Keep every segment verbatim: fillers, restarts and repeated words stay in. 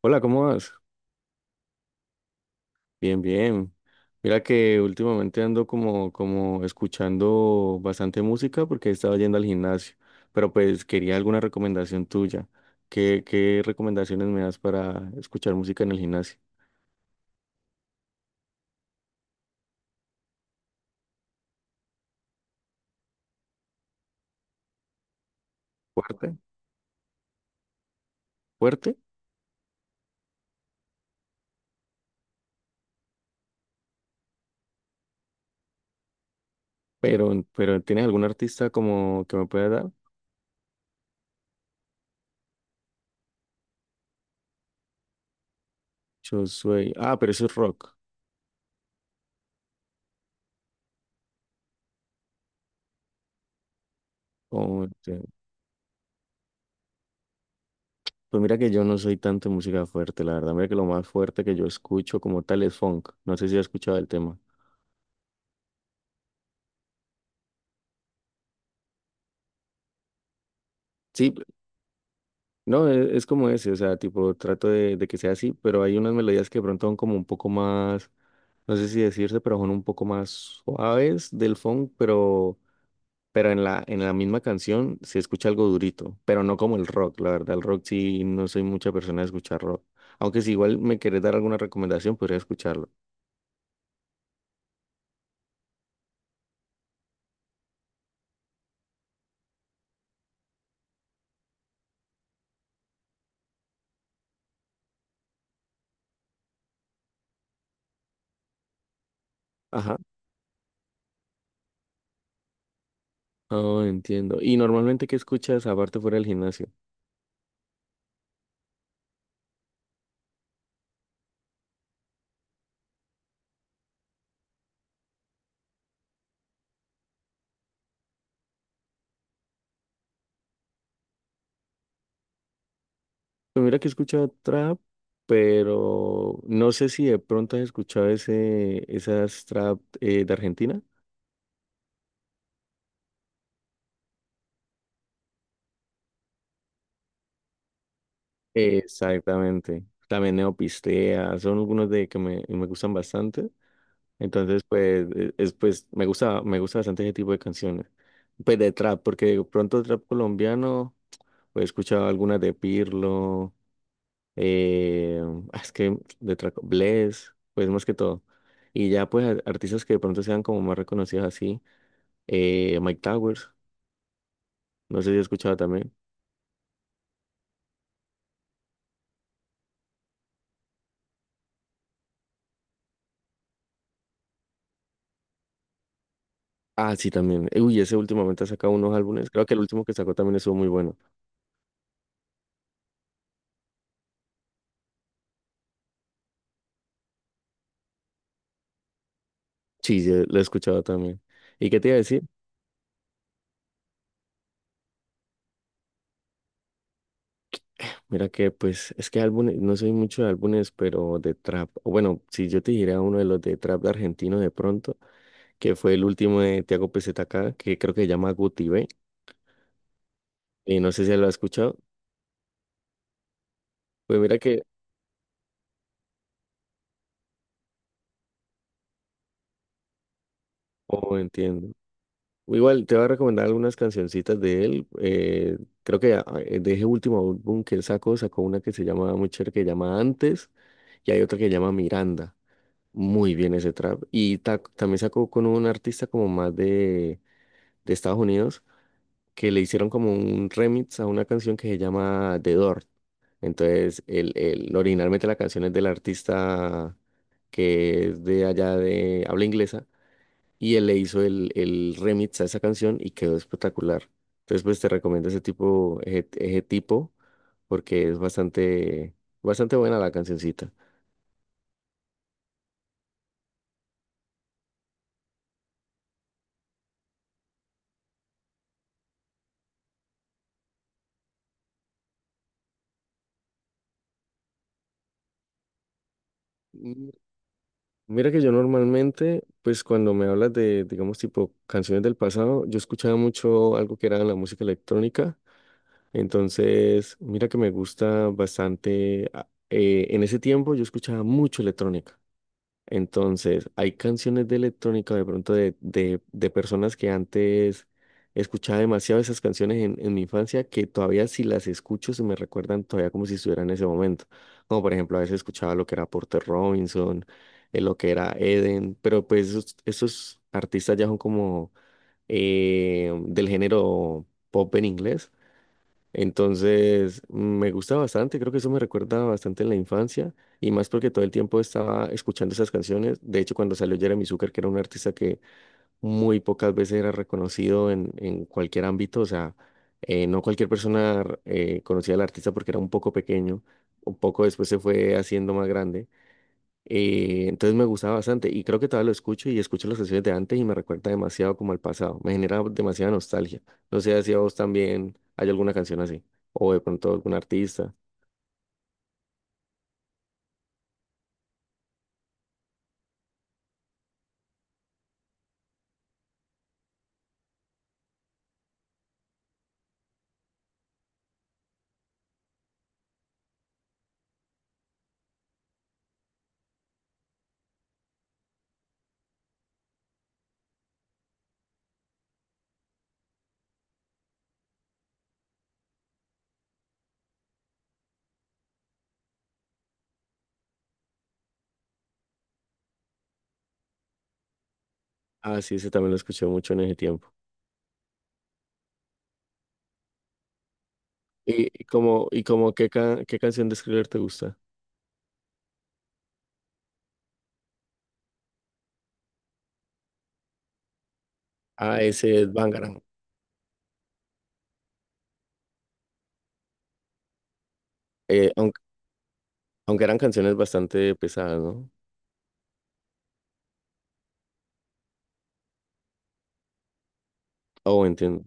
Hola, ¿cómo vas? Bien, bien. Mira que últimamente ando como, como escuchando bastante música porque he estado yendo al gimnasio, pero pues quería alguna recomendación tuya. ¿Qué, qué recomendaciones me das para escuchar música en el gimnasio? Fuerte, fuerte, pero, pero ¿tienes algún artista como que me pueda dar? Yo soy, ah, pero eso es rock. Oh, este, pues mira que yo no soy tanto de música fuerte, la verdad. Mira que lo más fuerte que yo escucho como tal es funk. No sé si has escuchado el tema. Sí, no, e- es como ese, o sea, tipo, trato de, de que sea así, pero hay unas melodías que de pronto son como un poco más, no sé si decirse, pero son un poco más suaves del funk, pero, pero en la, en la misma canción se escucha algo durito, pero no como el rock, la verdad, el rock sí no soy mucha persona de escuchar rock, aunque si igual me querés dar alguna recomendación, podría escucharlo. Ajá. Oh, entiendo. ¿Y normalmente qué escuchas aparte fuera del gimnasio? Pues mira que he escuchado trap, pero no sé si de pronto has escuchado ese, esas trap eh, de Argentina. Exactamente. También Neopistea, son algunos de que me, me gustan bastante. Entonces, pues, e- es, pues me gusta, me gusta bastante ese tipo de canciones. Pues de trap, porque de pronto trap colombiano, pues he escuchado algunas de Pirlo, eh, ah, es que de trap, Bless, pues más que todo. Y ya pues a- artistas que de pronto sean como más reconocidos así. eh, Mike Towers, no sé si he escuchado también. Ah, sí, también. Eh, Uy, ese últimamente ha sacado unos álbumes. Creo que el último que sacó también estuvo muy bueno. Sí, sí, lo he escuchado también. ¿Y qué te iba a decir? Mira que, pues, es que álbumes, no soy mucho de álbumes, pero de trap. O bueno, si yo te dijera uno de los de trap argentino de pronto, que fue el último de Tiago P Z K, que creo que se llama Guti B. Y no sé si lo has escuchado. Pues mira que, oh, entiendo. Igual te voy a recomendar algunas cancioncitas de él. eh, creo que ah, eh, de ese último álbum que él sacó, sacó una que se llama muy chévere, que se llama Antes, y hay otra que se llama Miranda. Muy bien ese trap. Y ta- también sacó con un artista como más de, de Estados Unidos, que le hicieron como un remix a una canción que se llama The Door. Entonces, el, el, originalmente la canción es del artista que es de allá de habla inglesa y él le hizo el, el remix a esa canción y quedó espectacular. Entonces, pues te recomiendo ese tipo, ese, ese tipo, porque es bastante, bastante buena la cancioncita. Mm, mira que yo normalmente, pues cuando me hablas de, digamos, tipo canciones del pasado, yo escuchaba mucho algo que era la música electrónica. Entonces, mira que me gusta bastante. A- eh, en ese tiempo yo escuchaba mucho electrónica. Entonces, hay canciones de electrónica de pronto de, de, de personas que antes escuchaba demasiado esas canciones en, en mi infancia que todavía si las escucho se me recuerdan todavía como si estuviera en ese momento. Como por ejemplo, a veces escuchaba lo que era Porter Robinson, eh, lo que era Eden, pero pues esos, esos artistas ya son como eh, del género pop en inglés. Entonces, me gusta bastante, creo que eso me recuerda bastante en la infancia y más porque todo el tiempo estaba escuchando esas canciones. De hecho, cuando salió Jeremy Zucker, que era un artista que muy pocas veces era reconocido en, en cualquier ámbito, o sea, eh, no cualquier persona eh, conocía al artista porque era un poco pequeño, un poco después se fue haciendo más grande. Eh, entonces me gustaba bastante y creo que todavía lo escucho y escucho las canciones de antes y me recuerda demasiado como al pasado. Me genera demasiada nostalgia. No sé si a vos también hay alguna canción así o de pronto algún artista. Ah, sí, ese también lo escuché mucho en ese tiempo. ¿Y, y como, y como qué, ca- qué canción de Skriller te gusta? Ah, ese es Bangarang. Eh, aunque, aunque eran canciones bastante pesadas, ¿no? Oh, entiendo.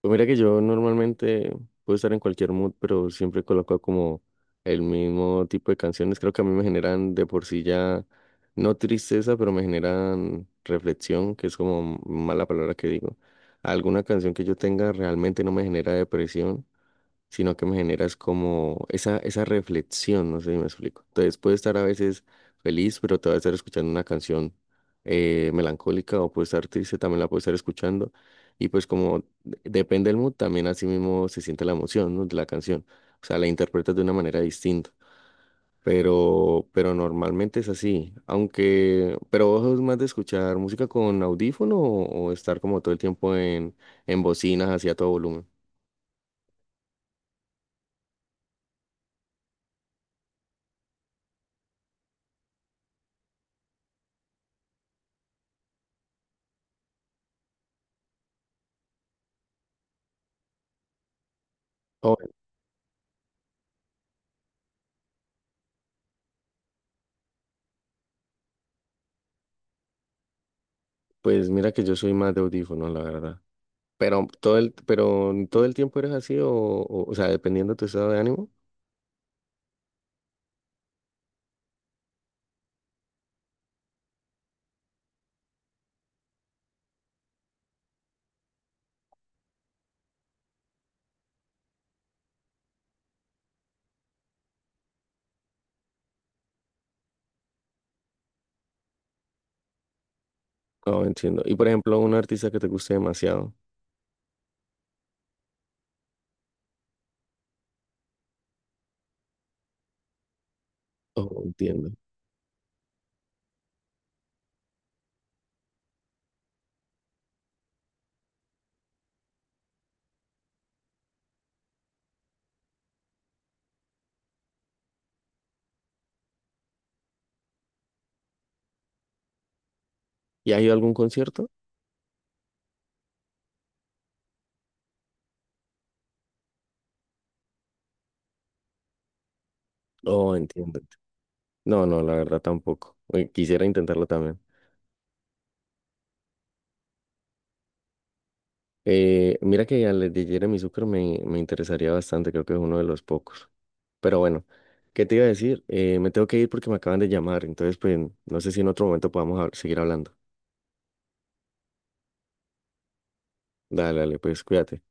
Pues mira que yo normalmente puedo estar en cualquier mood, pero siempre coloco como el mismo tipo de canciones. Creo que a mí me generan de por sí ya, no tristeza, pero me generan reflexión, que es como mala palabra que digo. Alguna canción que yo tenga realmente no me genera depresión sino que me generas como esa, esa reflexión, no sé si me explico. Entonces puedo estar a veces feliz, pero te voy a estar escuchando una canción eh, melancólica o puedo estar triste, también la puedo estar escuchando. Y pues como de- depende del mood, también así mismo se siente la emoción, ¿no? De la canción. O sea, la interpretas de una manera distinta. Pero, pero normalmente es así. Aunque, pero vos sos más de escuchar música con audífono o, o estar como todo el tiempo en, en bocinas así a todo volumen. Pues mira que yo soy más de audífonos, la verdad. Pero todo el, pero todo el tiempo eres así o, o, o sea, dependiendo de tu estado de ánimo. Oh, entiendo. Y por ejemplo, un artista que te guste demasiado. Oh, entiendo. ¿Y ha ido a algún concierto? Oh, entiendo. No, no, la verdad tampoco. Eh, Quisiera intentarlo también. Eh, mira que al de Jeremy Zucker me, me interesaría bastante, creo que es uno de los pocos. Pero bueno, ¿qué te iba a decir? Eh, me tengo que ir porque me acaban de llamar, entonces pues no sé si en otro momento podamos hab- seguir hablando. Dale, dale, pues cuídate.